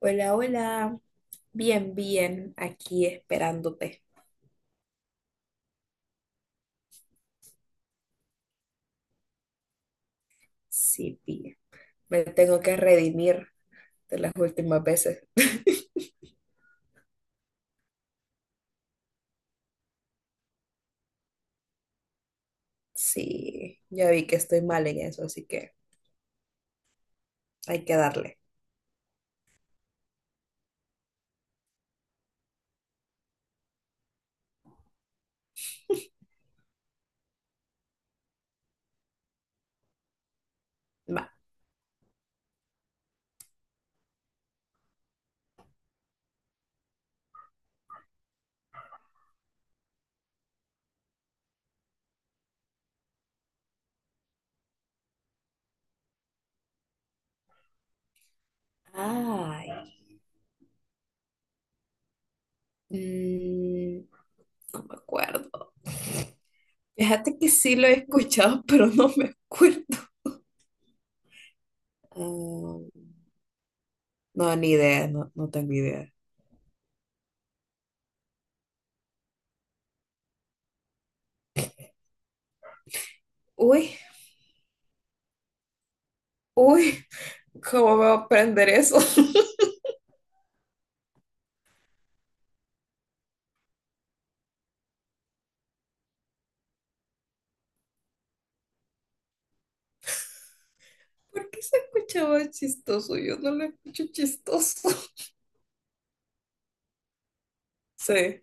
Hola, hola. Bien, bien, aquí esperándote. Sí, bien. Me tengo que redimir de las últimas veces. Sí, ya vi que estoy mal en eso, así que hay que darle. Va. Ay, mm, no me acuerdo. Fíjate que sí lo he escuchado, pero no me acuerdo. Mm, no, ni idea, no, no tengo idea. Uy, uy, ¿cómo voy a aprender eso? ¿Por qué se escuchaba chistoso? Yo no lo escucho chistoso. Sí.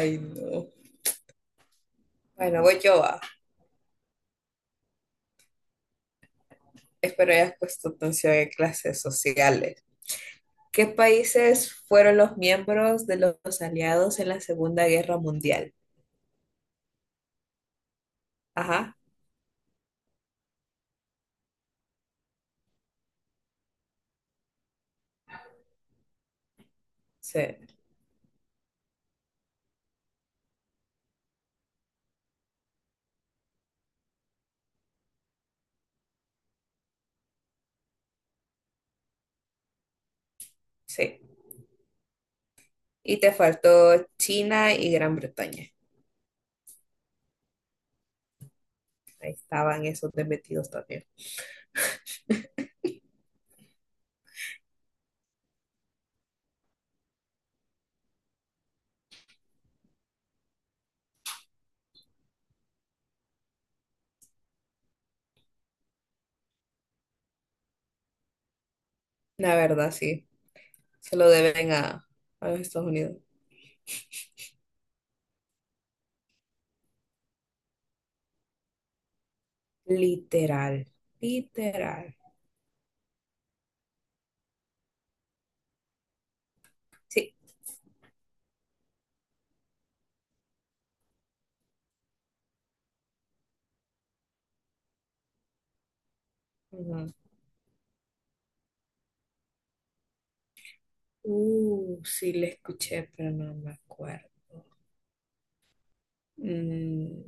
Ay, no. Bueno, voy yo a. Espero hayas puesto atención en clases sociales. ¿Qué países fueron los miembros de los aliados en la Segunda Guerra Mundial? Ajá, sí, sí. Y te faltó China y Gran Bretaña. Ahí estaban esos de metidos también. La verdad, sí. Se lo deben a los Estados Unidos. Literal, literal. Sí. Ujú. Sí, la escuché, pero no me acuerdo. Mm,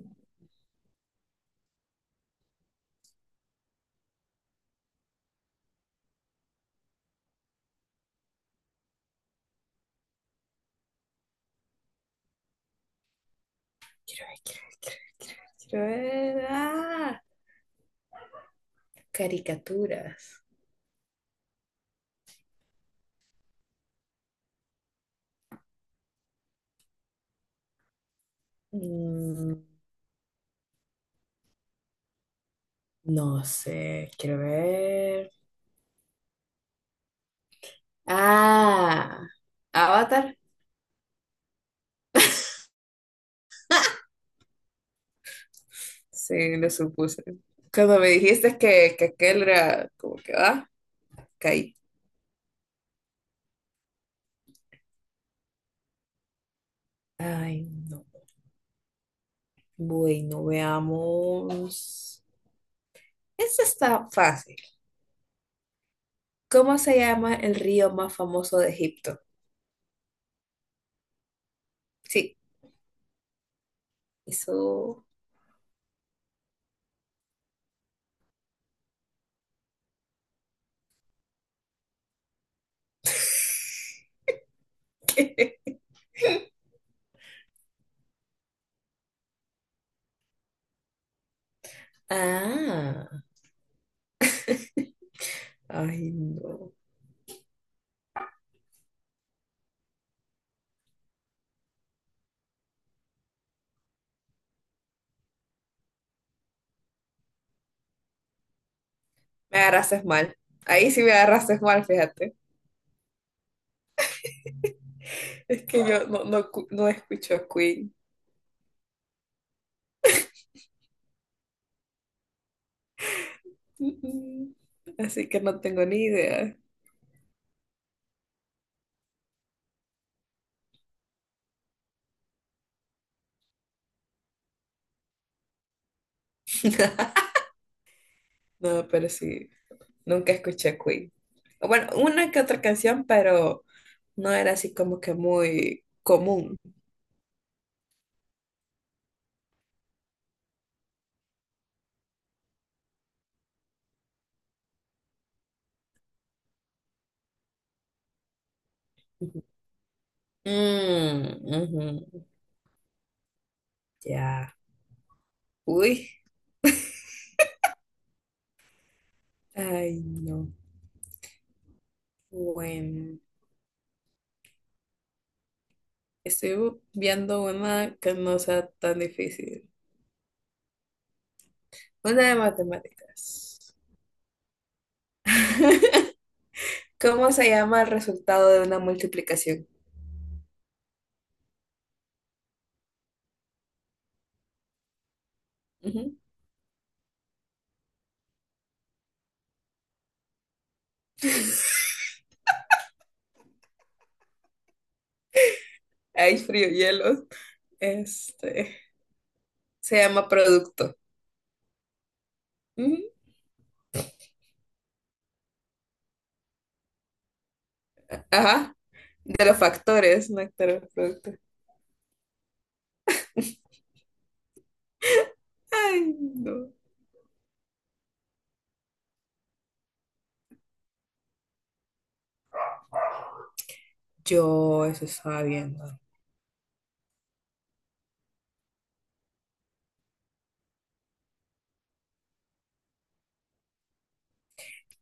Quiero ver, quiero ver, quiero ver, quiero ver, quiero ver. Ah, caricaturas. Mm, no sé, quiero ver. Ah, Avatar. Sí, lo supuse. Cuando me dijiste que aquel era como que, ah, caí. Ay, no. Bueno, veamos. Esta está fácil. ¿Cómo se llama el río más famoso de Egipto? Sí, eso. Ah, ay, no. Me agarraste mal. Ahí sí me agarraste mal, fíjate. Es que yo no, no, no escucho Queen. Mm, mm. Así que no tengo ni idea. No, pero sí, nunca escuché Queen. Bueno, una que otra canción, pero no era así como que muy común. Ujú. Ujú. Ya. Uy. Ay, no. Bueno. Estoy viendo una que no sea tan difícil. Una de matemáticas. ¿Cómo se llama el resultado de una multiplicación? Ujú. Ay, frío hielos. Este, se llama producto. Ujú. Ajá. De los factores, no de los productos. Ay, no. Yo eso estaba viendo.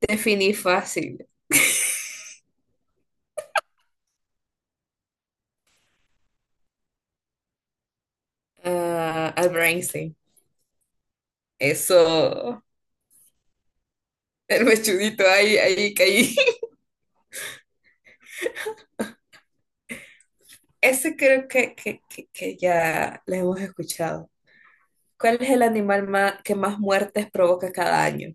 Definí fácil. Ah, Albert Einstein. Eso. El mechudito ahí, ahí caí. Ese creo que, que ya lo hemos escuchado. ¿Cuál es el animal que más muertes provoca cada año?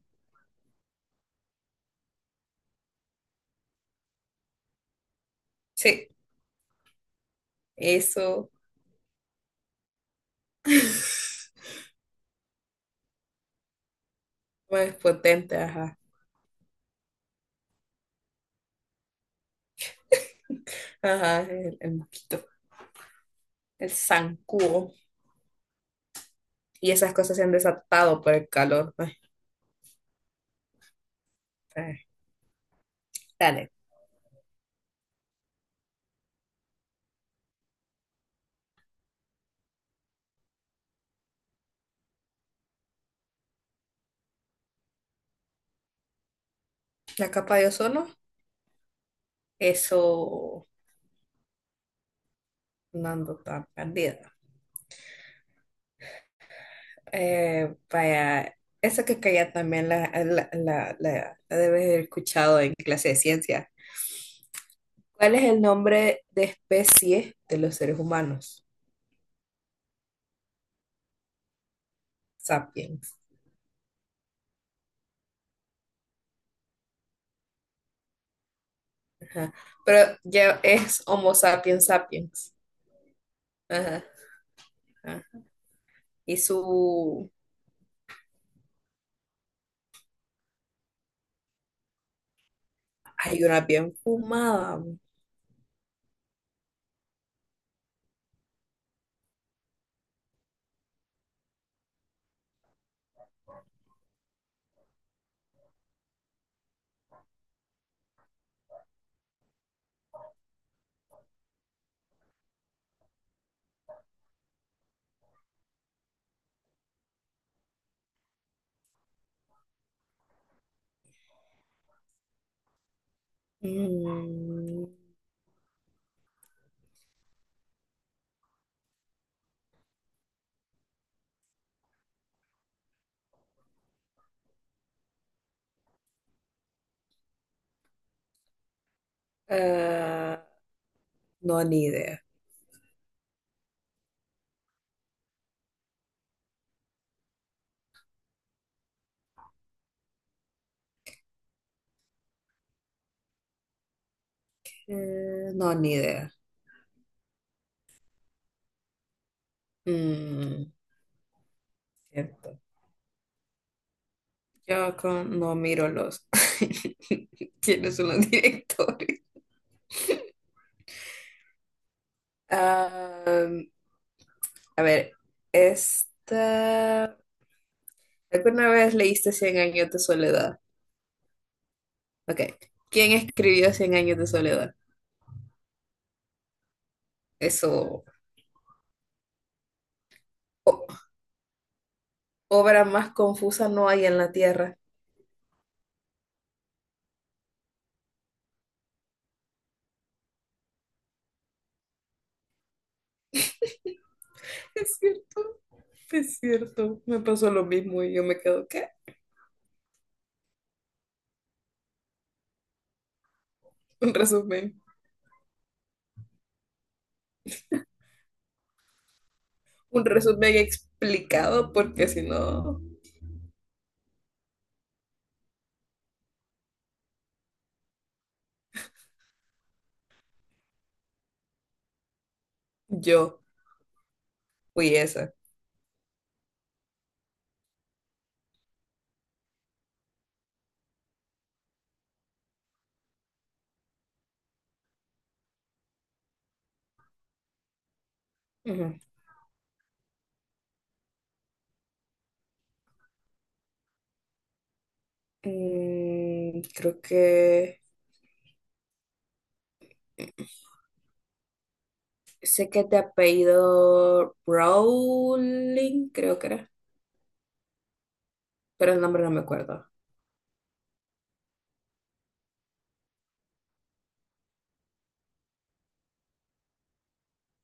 Sí, eso. Más potente, ajá. Ajá, el mosquito, el zancudo. Y esas cosas se han desatado por el calor. Ay, ay. Dale, la capa de ozono, eso, no ando tan perdida. Vaya, eso que ya también la debes haber escuchado en clase de ciencia. ¿Cuál es el nombre de especie de los seres humanos? Sapiens. Ajá. Pero ya es Homo sapiens sapiens. Ajá, ajá. Y su... Hay una bien fumada. Mm, ah, no, ni idea. No, ni idea. Mm, Cierto. Yo no miro los... ¿Quiénes son los directores? Ah, a ver, esta... ¿Alguna vez leíste Cien años de soledad? Ok. ¿Quién escribió Cien años de soledad? Eso, o- obra más confusa no hay en la tierra. Es cierto, es cierto. Me pasó lo mismo y yo me quedo, ¿qué? Un resumen. Un resumen explicado porque si no, yo fui esa. Ujú. Creo que sé que te apellido Rowling, creo que era, pero el nombre no me acuerdo.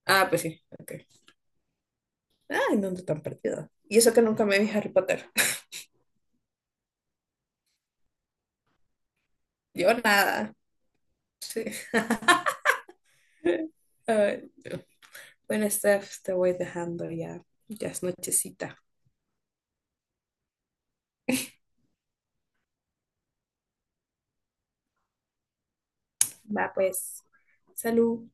Ah, pues sí, ok. Ah, ¿en dónde están perdidas? Y eso que nunca me vi Harry Potter. Yo nada. Sí. Ay, no. Bueno, Steph, te voy dejando ya. Ya es nochecita. Va, pues. Salud.